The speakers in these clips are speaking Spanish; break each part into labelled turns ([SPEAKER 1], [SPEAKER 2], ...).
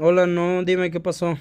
[SPEAKER 1] Hola, no, dime qué pasó.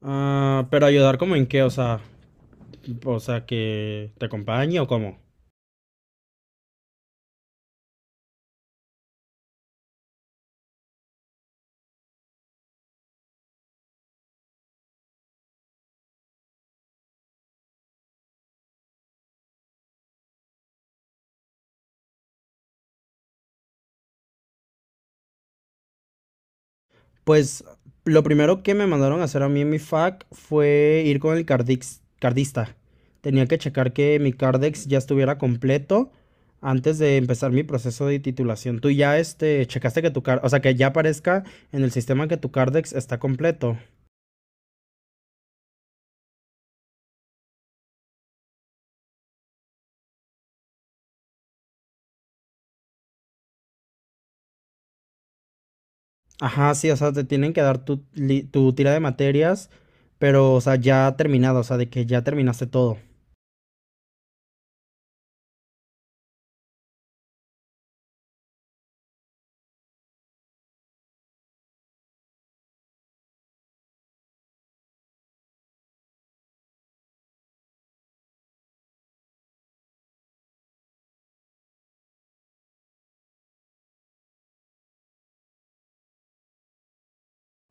[SPEAKER 1] Ah, pero ayudar como en qué, o sea, que te acompañe o cómo. Pues lo primero que me mandaron a hacer a mí en mi fac fue ir con el cardista. Tenía que checar que mi cardex ya estuviera completo antes de empezar mi proceso de titulación. Tú ya checaste que tu car, o sea, que ya aparezca en el sistema que tu cardex está completo. Ajá, sí, o sea, te tienen que dar tu tira de materias, pero, o sea, ya terminado, o sea, de que ya terminaste todo.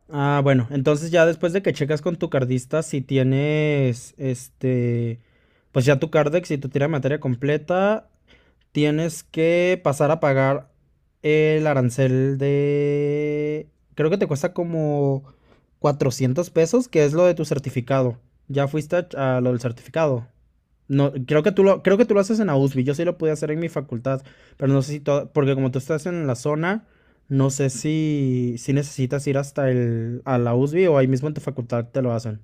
[SPEAKER 1] Ah, bueno, entonces ya después de que checas con tu cardista, si tienes, pues ya tu cardex y tu tira de materia completa, tienes que pasar a pagar el arancel de... Creo que te cuesta como 400 pesos, que es lo de tu certificado. ¿Ya fuiste a, a lo del certificado? No, creo que tú lo haces en AUSBI. Yo sí lo pude hacer en mi facultad, pero no sé si to- porque como tú estás en la zona, no sé si necesitas ir hasta a la USBI o ahí mismo en tu facultad te lo hacen.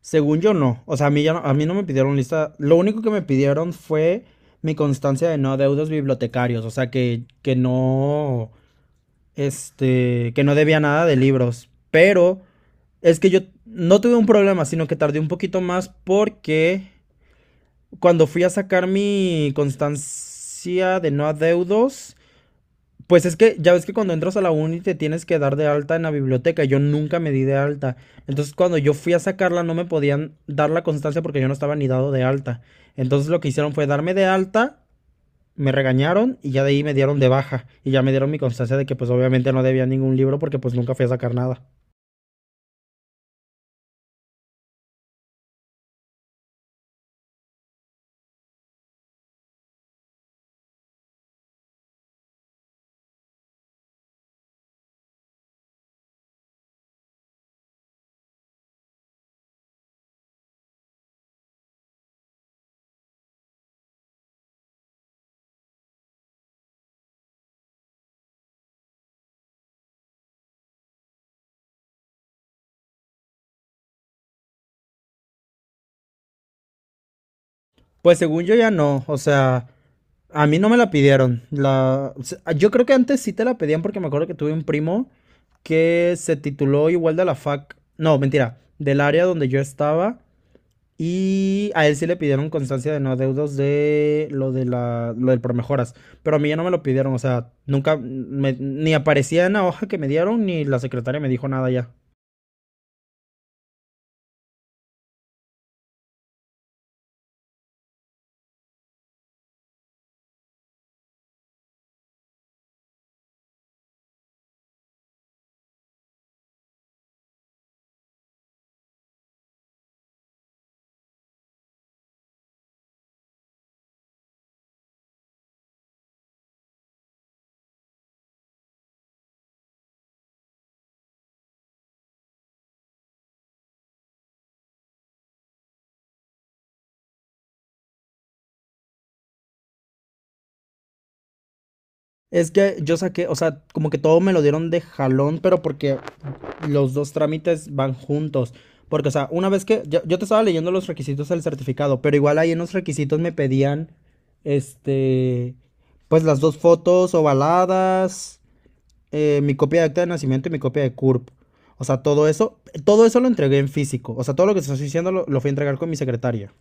[SPEAKER 1] Según yo no, o sea, a mí no me pidieron lista, lo único que me pidieron fue mi constancia de no adeudos bibliotecarios, o sea, que no, que no debía nada de libros, pero es que yo no tuve un problema, sino que tardé un poquito más porque cuando fui a sacar mi constancia de no adeudos, pues es que ya ves que cuando entras a la uni te tienes que dar de alta en la biblioteca. Yo nunca me di de alta. Entonces cuando yo fui a sacarla no me podían dar la constancia porque yo no estaba ni dado de alta. Entonces lo que hicieron fue darme de alta, me regañaron y ya de ahí me dieron de baja. Y ya me dieron mi constancia de que pues obviamente no debía ningún libro porque pues nunca fui a sacar nada. Pues según yo ya no, o sea, a mí no me la pidieron. Yo creo que antes sí te la pedían porque me acuerdo que tuve un primo que se tituló igual de la fac, no, mentira, del área donde yo estaba y a él sí le pidieron constancia de no adeudos de lo de la lo del promejoras, pero a mí ya no me lo pidieron, o sea, nunca me- ni aparecía en la hoja que me dieron ni la secretaria me dijo nada ya. Es que yo saqué, o sea, como que todo me lo dieron de jalón, pero porque los dos trámites van juntos. Porque, o sea, una vez que yo te estaba leyendo los requisitos del certificado, pero igual ahí en los requisitos me pedían, este, pues las dos fotos ovaladas, mi copia de acta de nacimiento y mi copia de CURP. O sea, todo eso lo entregué en físico. O sea, todo lo que te estoy diciendo lo fui a entregar con mi secretaria.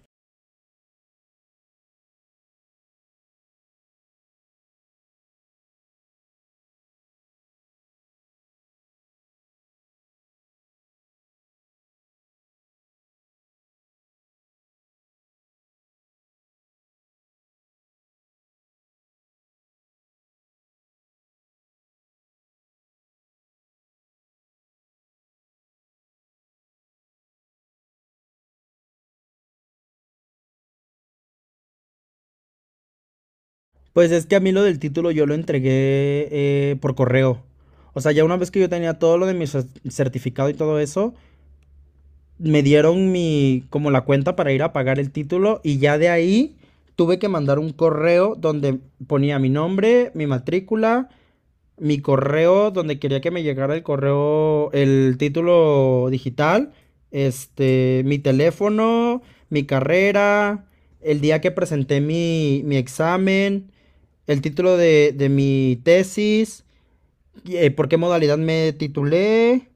[SPEAKER 1] Pues es que a mí lo del título yo lo entregué por correo. O sea, ya una vez que yo tenía todo lo de mi certificado y todo eso, me dieron mi, como la cuenta para ir a pagar el título y ya de ahí tuve que mandar un correo donde ponía mi nombre, mi matrícula, mi correo donde quería que me llegara el correo, el título digital, mi teléfono, mi carrera, el día que presenté mi examen, el título de mi tesis, por qué modalidad me titulé,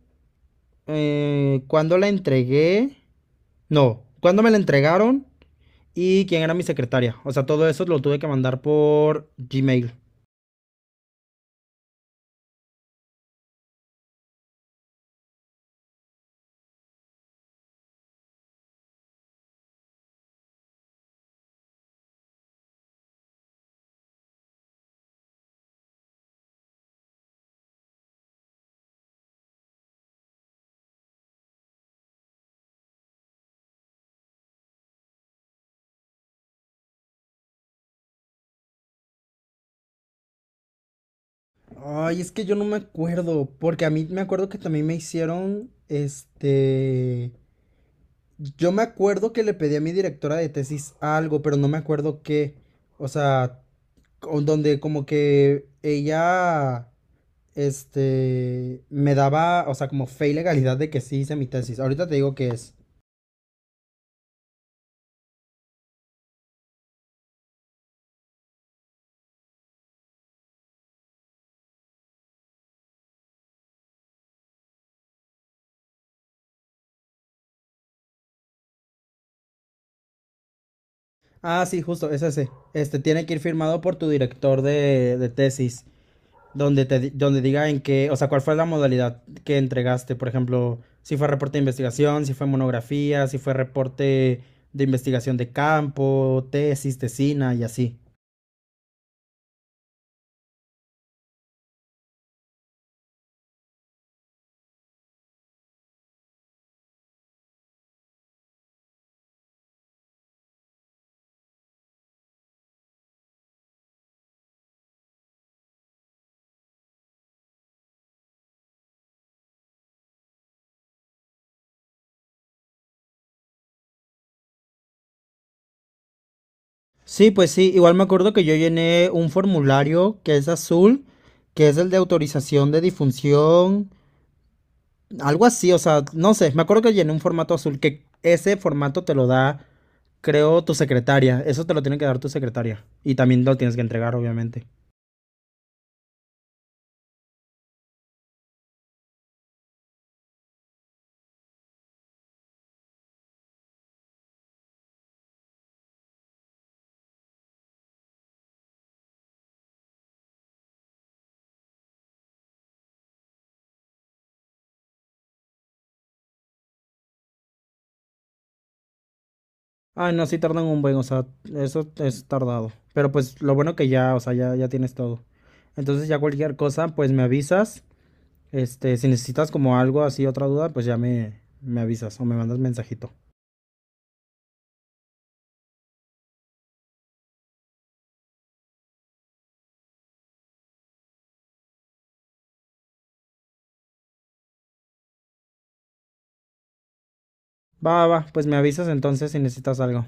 [SPEAKER 1] cuándo la entregué, no, cuándo me la entregaron y quién era mi secretaria. O sea, todo eso lo tuve que mandar por Gmail. Ay, es que yo no me acuerdo, porque a mí me acuerdo que también me hicieron, yo me acuerdo que le pedí a mi directora de tesis algo, pero no me acuerdo qué, o sea, donde como que ella me daba, o sea, como fe y legalidad de que sí hice mi tesis. Ahorita te digo que es. Ah, sí, justo, es ese. Este, tiene que ir firmado por tu director de tesis, donde donde diga en qué, o sea, cuál fue la modalidad que entregaste. Por ejemplo, si fue reporte de investigación, si fue monografía, si fue reporte de investigación de campo, tesis, tesina y así. Sí, pues sí, igual me acuerdo que yo llené un formulario que es azul, que es el de autorización de difusión. Algo así, o sea, no sé, me acuerdo que llené un formato azul, que ese formato te lo da, creo, tu secretaria. Eso te lo tiene que dar tu secretaria. Y también lo tienes que entregar, obviamente. Ay, no, sí tardan un buen, o sea, eso es tardado. Pero pues lo bueno que ya, o sea, ya tienes todo. Entonces ya cualquier cosa, pues me avisas. Este, si necesitas como algo así, otra duda, pues ya me avisas o me mandas mensajito. Va, va, va, pues me avisas entonces si necesitas algo.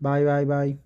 [SPEAKER 1] Bye, bye, bye.